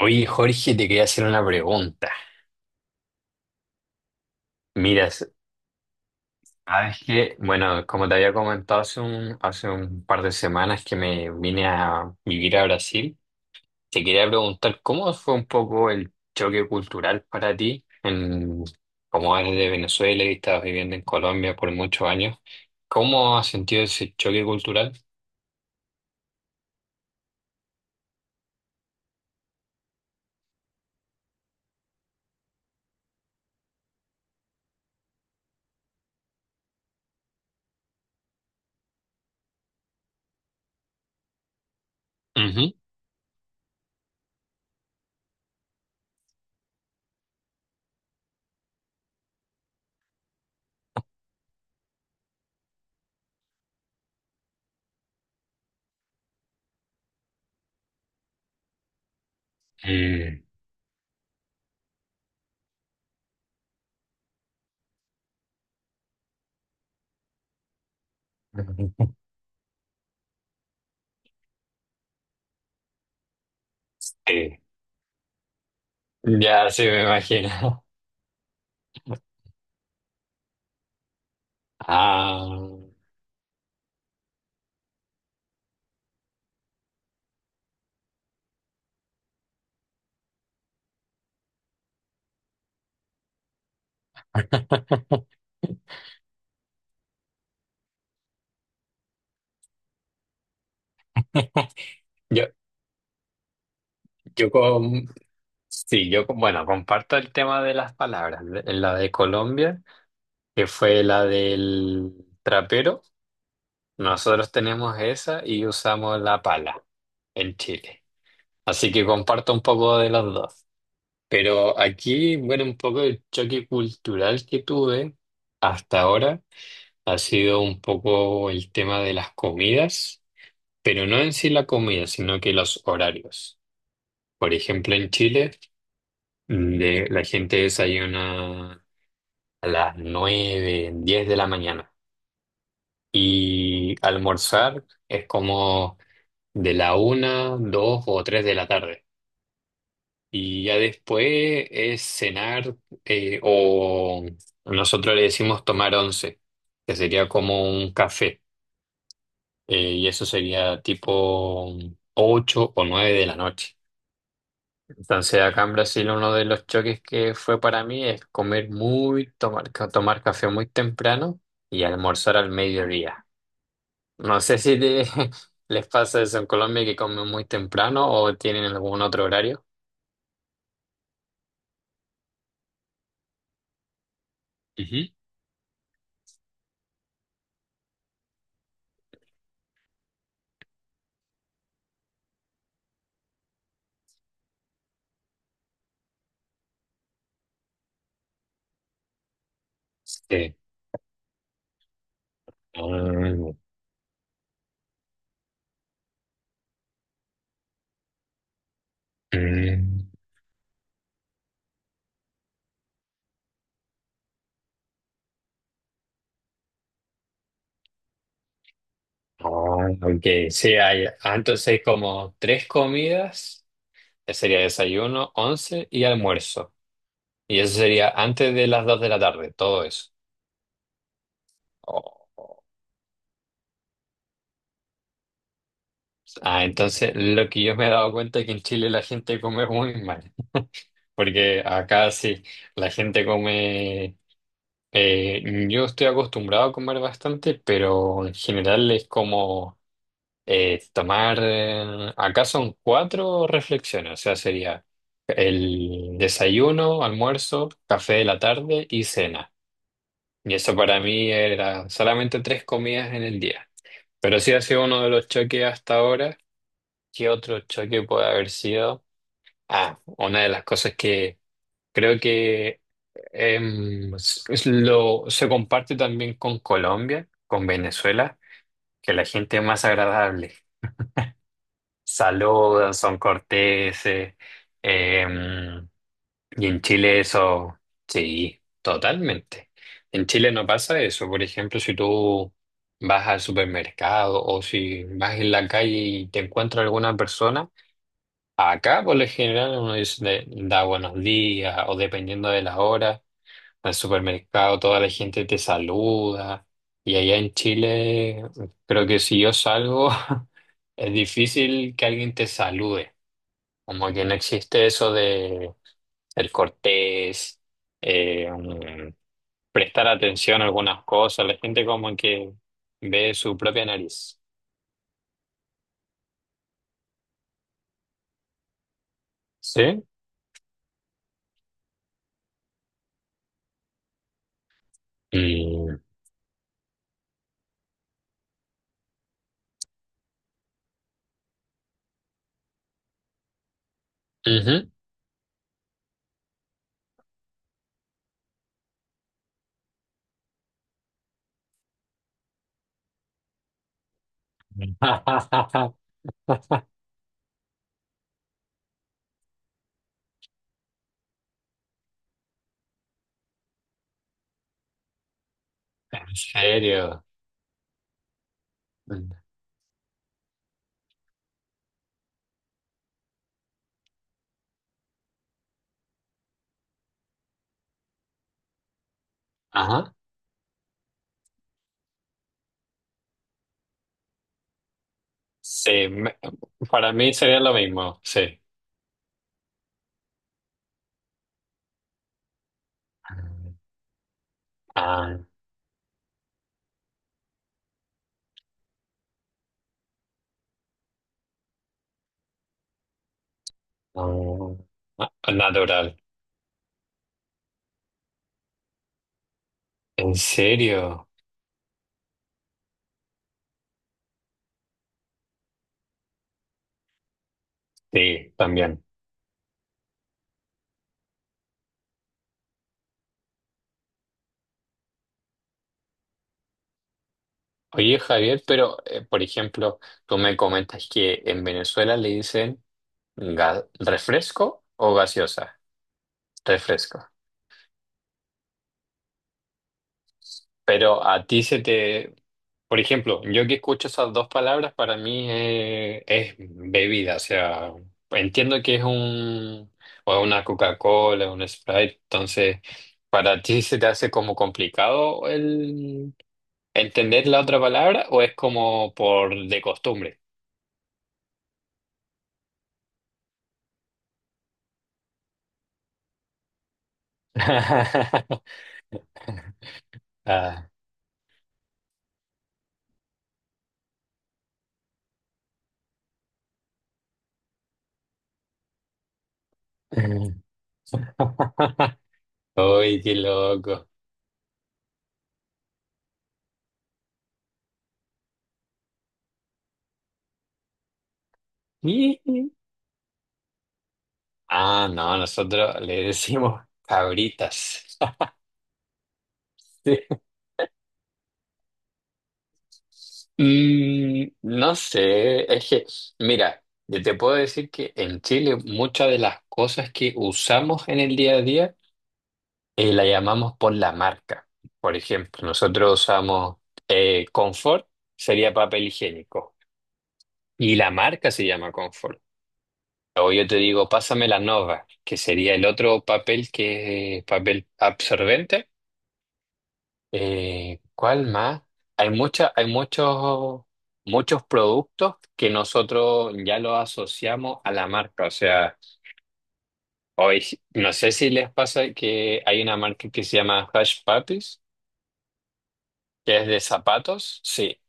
Oye, Jorge, te quería hacer una pregunta. Mira, sabes que, bueno, como te había comentado hace un par de semanas que me vine a vivir a Brasil, te quería preguntar cómo fue un poco el choque cultural para ti, como eres de Venezuela y estabas viviendo en Colombia por muchos años. ¿Cómo has sentido ese choque cultural? Ujú. Mm. Eh, ya se me imagino. Ah. Yo, Yo con, sí, bueno, comparto el tema de las palabras. La de Colombia, que fue la del trapero, nosotros tenemos esa y usamos la pala en Chile. Así que comparto un poco de los dos. Pero aquí, bueno, un poco el choque cultural que tuve hasta ahora ha sido un poco el tema de las comidas, pero no en sí la comida, sino que los horarios. Por ejemplo, en Chile. La gente desayuna a las 9 10 de la mañana. Y almorzar es como de la una 2 o 3 de la tarde. Y ya después es cenar, o nosotros le decimos tomar once, que sería como un café. Y eso sería tipo 8 o 9 de la noche. Entonces, acá en Brasil uno de los choques que fue para mí es comer muy, tomar, tomar café muy temprano y almorzar al mediodía. No sé si les pasa eso en Colombia que comen muy temprano o tienen algún otro horario. Ujú. Sí. Mm, mm, ah, ok, sí, entonces hay como tres comidas, que sería desayuno, once y almuerzo. Y eso sería antes de las dos de la tarde, todo eso. Oh. Ah, entonces lo que yo me he dado cuenta es que en Chile la gente come muy mal, porque acá sí, la gente come, yo estoy acostumbrado a comer bastante, pero en general es como acá son cuatro reflexiones, o sea, sería el desayuno, almuerzo, café de la tarde y cena. Y eso para mí era solamente tres comidas en el día, pero sí ha sido uno de los choques hasta ahora. ¿Qué otro choque puede haber sido? Ah, una de las cosas que creo que se comparte también con Colombia, con Venezuela, que la gente es más agradable. Saludan, son corteses. em, y en Chile eso, sí, totalmente. En Chile no pasa eso. Por ejemplo, si tú vas al supermercado o si vas en la calle y te encuentras alguna persona, acá, por lo general, uno dice, da buenos días o dependiendo de la hora. En el supermercado toda la gente te saluda. Y allá en Chile, creo que si yo salgo, es difícil que alguien te salude. Como que no existe eso de el cortés, eh, um, prestar atención a algunas cosas. La gente como que ve su propia nariz. ¿Sí? Mm. Ujú. ¿En serio? Ajá. Sí, para mí sería lo mismo, sí. Ah, no. Ah, natural. ¿En serio? Sí, también. Oye, Javier, pero, por ejemplo, tú me comentas que en Venezuela le dicen refresco o gaseosa. Refresco. Pero a ti se te... Por ejemplo, yo que escucho esas dos palabras, para mí es, bebida. O sea, entiendo que es un... o una Coca-Cola, un Sprite. Entonces, ¿para ti se te hace como complicado el entender la otra palabra o es como por de costumbre? Ah. Uy, qué loco. Ah, no, nosotros le decimos cabritas. Mm, no sé, es que, mira, yo te puedo decir que en Chile muchas de las cosas que usamos en el día a día la llamamos por la marca. Por ejemplo, nosotros usamos Confort, sería papel higiénico, y la marca se llama Confort. O yo te digo, pásame la Nova, que sería el otro papel que es papel absorbente. ¿Cuál más? Hay muchos productos que nosotros ya los asociamos a la marca. O sea, hoy si, no sé si les pasa que hay una marca que se llama Hush Puppies, que es de zapatos. Sí.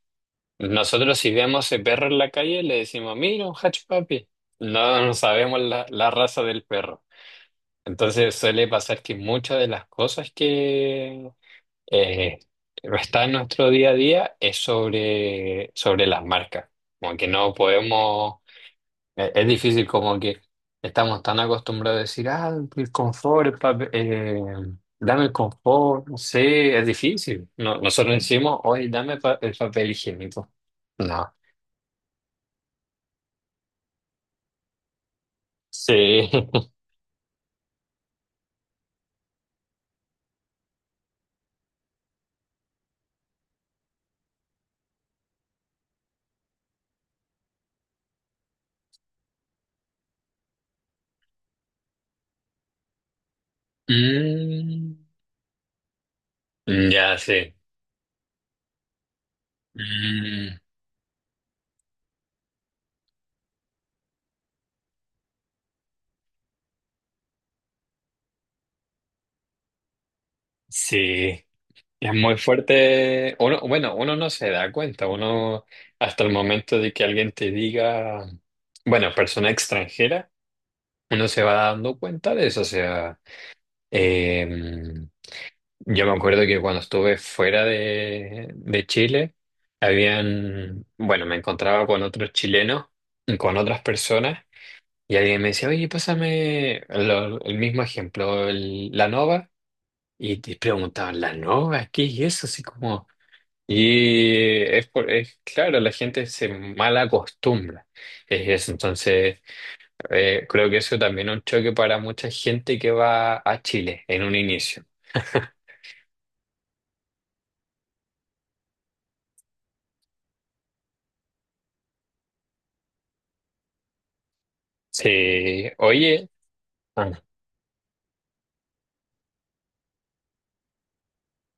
Nosotros si vemos ese perro en la calle le decimos, mira, un Hush Puppy. No, no sabemos la, la raza del perro. Entonces suele pasar que muchas de las cosas que eh, está en nuestro día a día es sobre las marcas. Como que no podemos, es difícil como que estamos tan acostumbrados a decir, ah, el confort, dame el confort, no sé, es difícil. No, nosotros decimos, hoy dame el papel higiénico. No. Sí. Mm, ya, sí. Mm, sí. Es muy fuerte. Bueno, uno no se da cuenta, uno hasta el momento de que alguien te diga, bueno, persona extranjera, uno se va dando cuenta de eso. O sea, eh, yo me acuerdo que cuando estuve fuera de Chile, habían, bueno, me encontraba con otros chilenos, con otras personas, y alguien me decía, oye, pásame el mismo ejemplo, la nova, y te preguntaban, ¿la nova? ¿Qué es eso? Así como. Y es claro, la gente se mal acostumbra. Es eso. Entonces, creo que eso también es un choque para mucha gente que va a Chile en un inicio. Sí, oye, ah,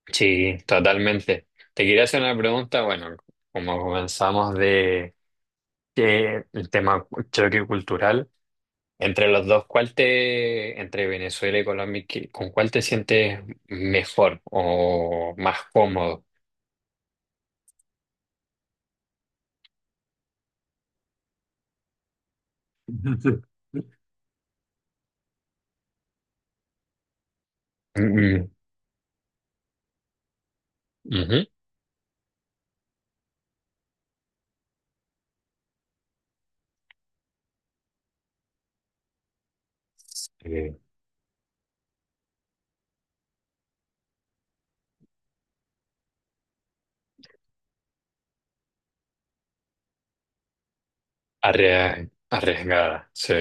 sí, totalmente. Te quería hacer una pregunta, bueno, como comenzamos de que el tema choque cultural, entre los dos, entre Venezuela y Colombia, con cuál te sientes mejor o más cómodo? Mm, ujú. Sí. Arriesgada, sí.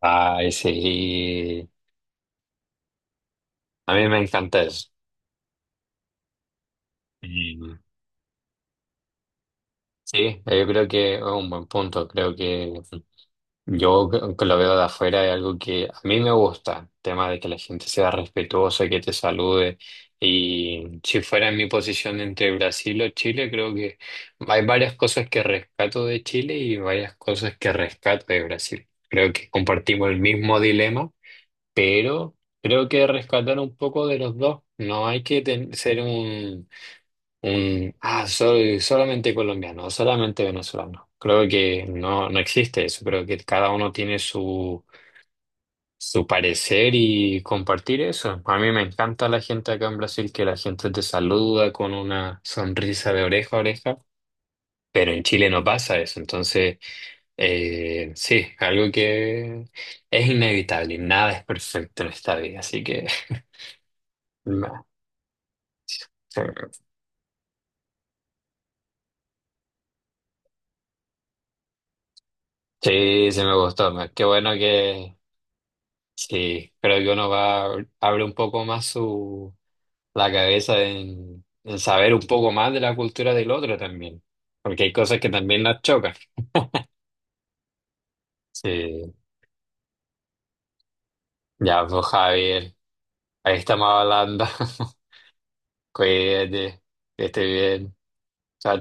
Ay, sí. A mí me encanta eso. Y, sí, yo creo que es un buen punto. Creo que yo que lo veo de afuera es algo que a mí me gusta. El tema de que la gente sea respetuosa, que te salude. Y si fuera en mi posición entre Brasil o Chile, creo que hay varias cosas que rescato de Chile y varias cosas que rescato de Brasil. Creo que compartimos el mismo dilema, pero creo que rescatar un poco de los dos. No hay que ten- ser un ah, soy solamente colombiano o solamente venezolano. Creo que no, no existe eso. Creo que cada uno tiene su parecer y compartir eso. A mí me encanta la gente acá en Brasil, que la gente te saluda con una sonrisa de oreja a oreja. Pero en Chile no pasa eso, entonces sí, algo que es inevitable, y nada es perfecto en esta vida, así que sí. Sí, me gustó. Qué bueno que sí, creo que uno va, abre un poco más su, la cabeza en saber un poco más de la cultura del otro también, porque hay cosas que también nos chocan. Sí, ya, pues Javier, ahí estamos hablando. Cuídate, que esté bien. Chao,